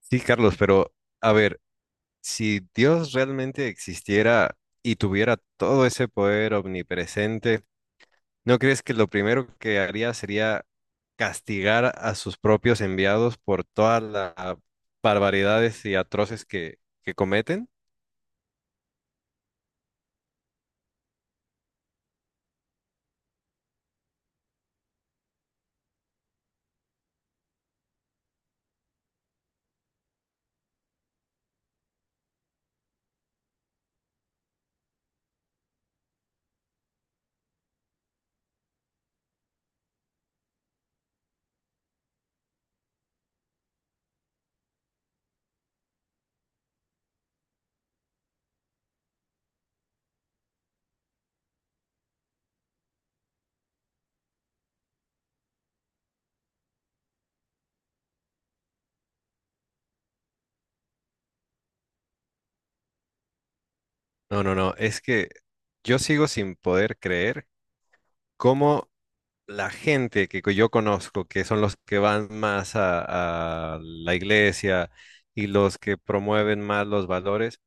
Sí, Carlos, pero a ver, si Dios realmente existiera y tuviera todo ese poder omnipresente, ¿no crees que lo primero que haría sería castigar a sus propios enviados por todas las barbaridades y atroces que cometen? No, no, no, es que yo sigo sin poder creer cómo la gente que yo conozco, que son los que van más a la iglesia y los que promueven más los valores,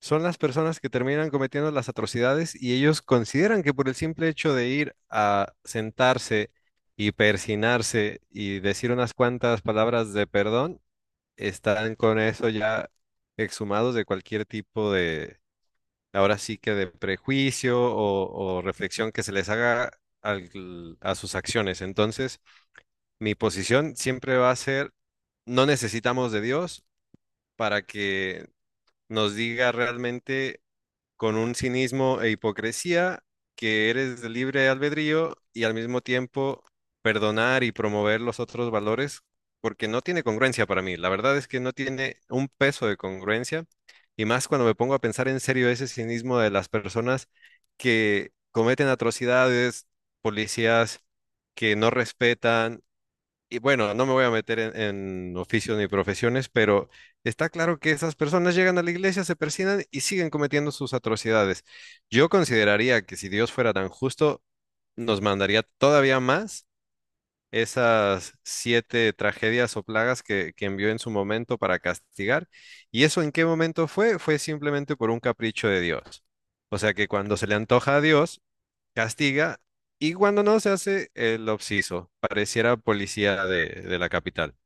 son las personas que terminan cometiendo las atrocidades y ellos consideran que por el simple hecho de ir a sentarse y persinarse y decir unas cuantas palabras de perdón, están con eso ya exhumados de cualquier tipo de, ahora sí que de prejuicio o reflexión que se les haga a sus acciones. Entonces, mi posición siempre va a ser, no necesitamos de Dios para que nos diga realmente con un cinismo e hipocresía que eres de libre albedrío y al mismo tiempo perdonar y promover los otros valores, porque no tiene congruencia para mí. La verdad es que no tiene un peso de congruencia y más cuando me pongo a pensar en serio ese cinismo de las personas que cometen atrocidades, policías que no respetan y bueno, no me voy a meter en oficios ni profesiones, pero está claro que esas personas llegan a la iglesia, se persignan y siguen cometiendo sus atrocidades. Yo consideraría que si Dios fuera tan justo, nos mandaría todavía más esas siete tragedias o plagas que envió en su momento para castigar. ¿Y eso en qué momento fue? Fue simplemente por un capricho de Dios. O sea que cuando se le antoja a Dios, castiga. Y cuando no se hace el obsiso, pareciera policía de la capital.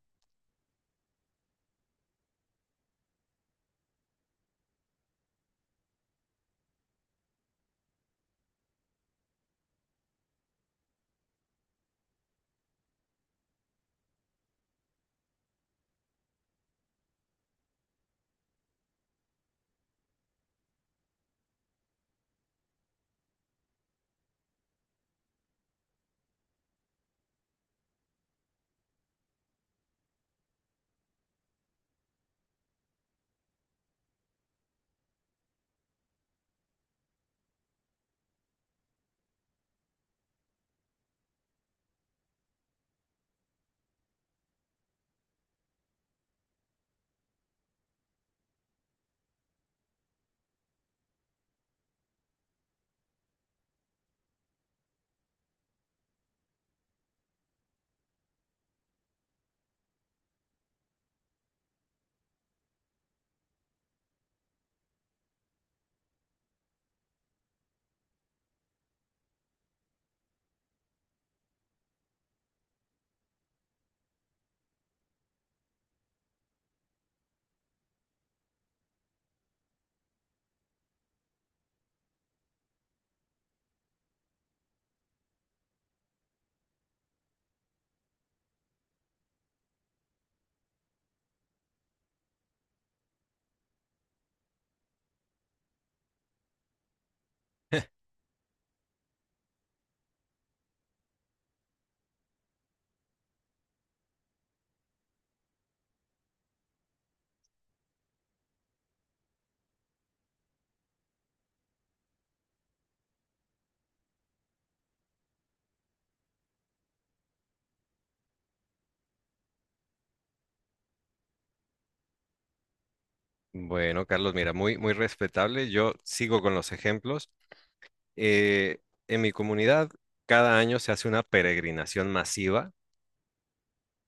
Bueno, Carlos, mira, muy respetable. Yo sigo con los ejemplos. Eh, en mi comunidad, cada año se hace una peregrinación masiva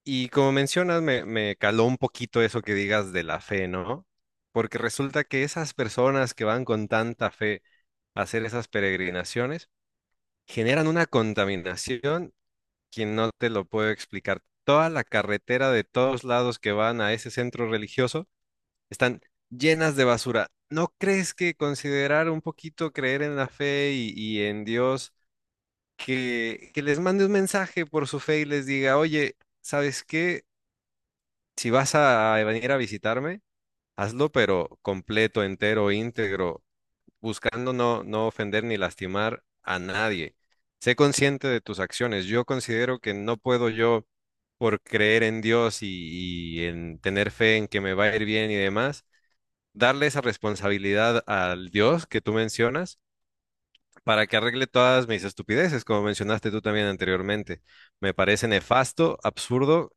y como mencionas, me caló un poquito eso que digas de la fe, ¿no? Porque resulta que esas personas que van con tanta fe a hacer esas peregrinaciones generan una contaminación quien no te lo puedo explicar. Toda la carretera de todos lados que van a ese centro religioso están llenas de basura. ¿No crees que considerar un poquito creer en la fe y en Dios, que les mande un mensaje por su fe y les diga, oye, ¿sabes qué? Si vas a venir a visitarme, hazlo, pero completo, entero, íntegro, buscando no, no ofender ni lastimar a nadie. Sé consciente de tus acciones. Yo considero que no puedo yo, por creer en Dios y en tener fe en que me va a ir bien y demás darle esa responsabilidad al Dios que tú mencionas para que arregle todas mis estupideces, como mencionaste tú también anteriormente. Me parece nefasto, absurdo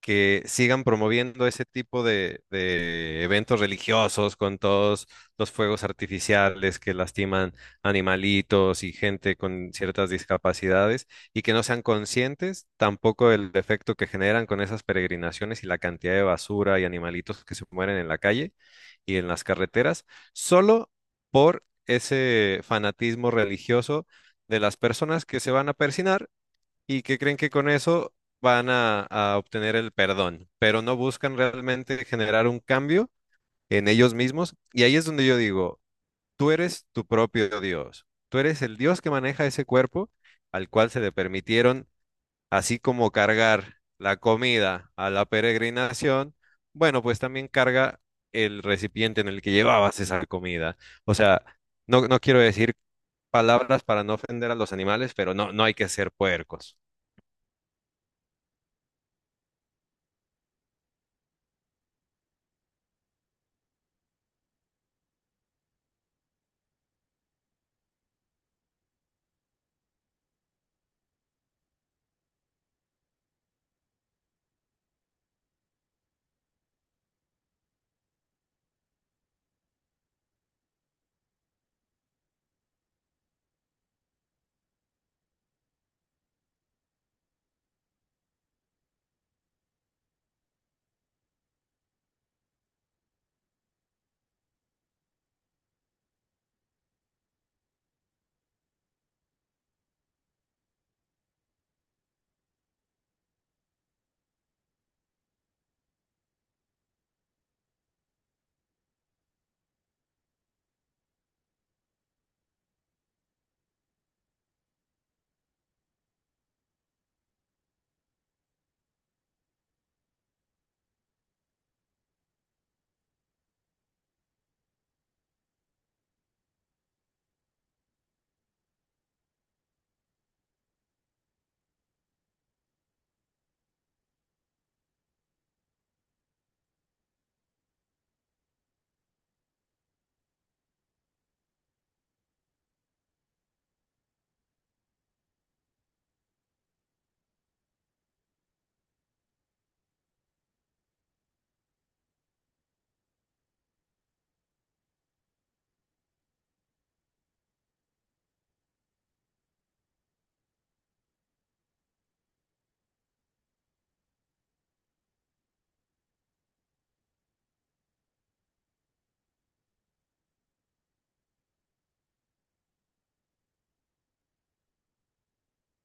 que sigan promoviendo ese tipo de eventos religiosos con todos los fuegos artificiales que lastiman animalitos y gente con ciertas discapacidades y que no sean conscientes tampoco del efecto que generan con esas peregrinaciones y la cantidad de basura y animalitos que se mueren en la calle y en las carreteras, solo por ese fanatismo religioso de las personas que se van a persinar y que creen que con eso van a obtener el perdón, pero no buscan realmente generar un cambio en ellos mismos. Y ahí es donde yo digo, tú eres tu propio Dios, tú eres el Dios que maneja ese cuerpo al cual se le permitieron, así como cargar la comida a la peregrinación, bueno, pues también carga el recipiente en el que llevabas esa comida. O sea, no, no quiero decir palabras para no ofender a los animales, pero no, no hay que ser puercos.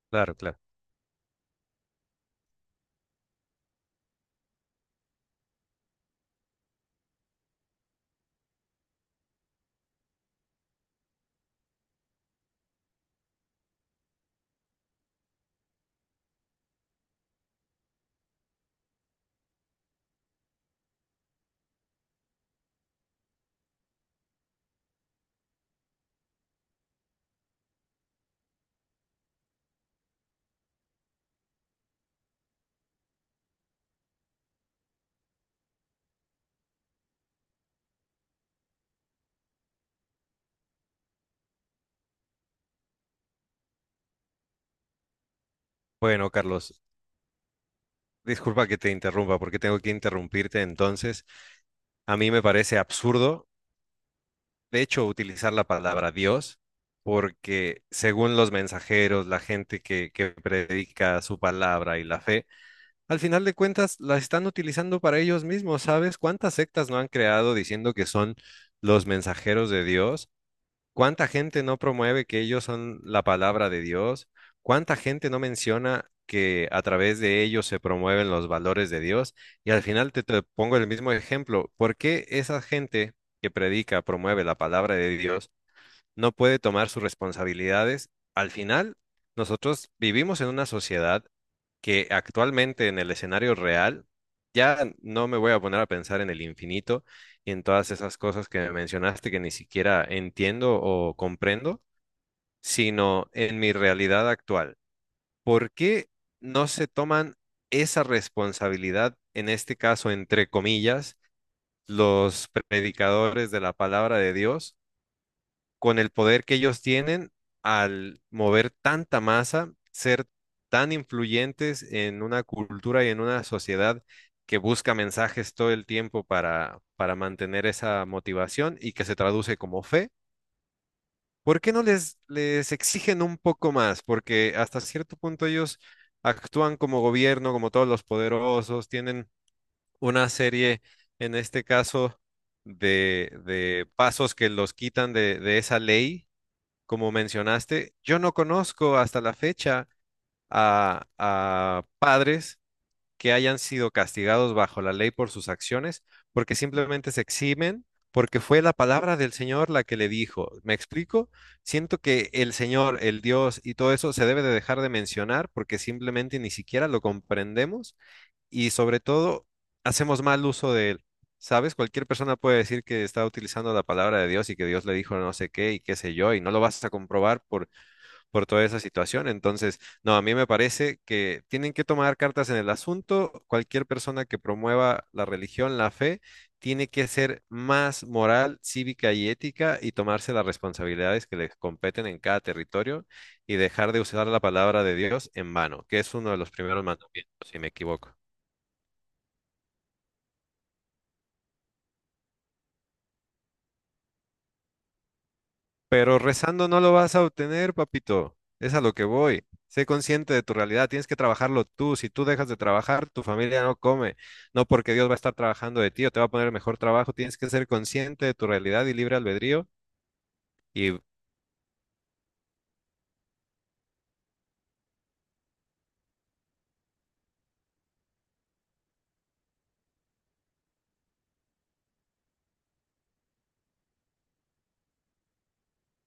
Claro, claro. Bueno, Carlos, disculpa que te interrumpa, porque tengo que interrumpirte entonces. A mí me parece absurdo, de hecho, utilizar la palabra Dios, porque según los mensajeros, la gente que predica su palabra y la fe, al final de cuentas la están utilizando para ellos mismos. ¿Sabes cuántas sectas no han creado diciendo que son los mensajeros de Dios? ¿Cuánta gente no promueve que ellos son la palabra de Dios? ¿Cuánta gente no menciona que a través de ellos se promueven los valores de Dios? Y al final te pongo el mismo ejemplo. ¿Por qué esa gente que predica, promueve la palabra de Dios? No puede tomar sus responsabilidades. Al final, nosotros vivimos en una sociedad que actualmente en el escenario real, ya no me voy a poner a pensar en el infinito y en todas esas cosas que mencionaste que ni siquiera entiendo o comprendo, sino en mi realidad actual. ¿Por qué no se toman esa responsabilidad, en este caso, entre comillas, los predicadores de la palabra de Dios con el poder que ellos tienen al mover tanta masa, ser tan influyentes en una cultura y en una sociedad que busca mensajes todo el tiempo para mantener esa motivación y que se traduce como fe? ¿Por qué no les exigen un poco más? Porque hasta cierto punto ellos actúan como gobierno, como todos los poderosos, tienen una serie, en este caso, de pasos que los quitan de esa ley como mencionaste, yo no conozco hasta la fecha a padres que hayan sido castigados bajo la ley por sus acciones, porque simplemente se eximen, porque fue la palabra del Señor la que le dijo. ¿Me explico? Siento que el Señor, el Dios y todo eso se debe de dejar de mencionar porque simplemente ni siquiera lo comprendemos y sobre todo hacemos mal uso de él. ¿Sabes? Cualquier persona puede decir que está utilizando la palabra de Dios y que Dios le dijo no sé qué y qué sé yo, y no lo vas a comprobar por toda esa situación. Entonces, no, a mí me parece que tienen que tomar cartas en el asunto. Cualquier persona que promueva la religión, la fe, tiene que ser más moral, cívica y ética y tomarse las responsabilidades que les competen en cada territorio y dejar de usar la palabra de Dios en vano, que es uno de los primeros mandamientos, si me equivoco. Pero rezando no lo vas a obtener, papito. Es a lo que voy. Sé consciente de tu realidad. Tienes que trabajarlo tú. Si tú dejas de trabajar, tu familia no come. No porque Dios va a estar trabajando de ti o te va a poner mejor trabajo. Tienes que ser consciente de tu realidad y libre albedrío. Y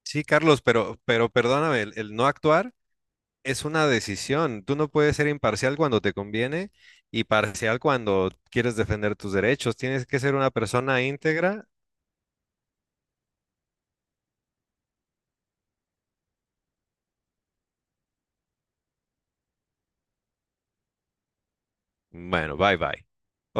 sí, Carlos, pero perdóname, el no actuar es una decisión. Tú no puedes ser imparcial cuando te conviene y parcial cuando quieres defender tus derechos. Tienes que ser una persona íntegra. Bueno, bye bye. Otro.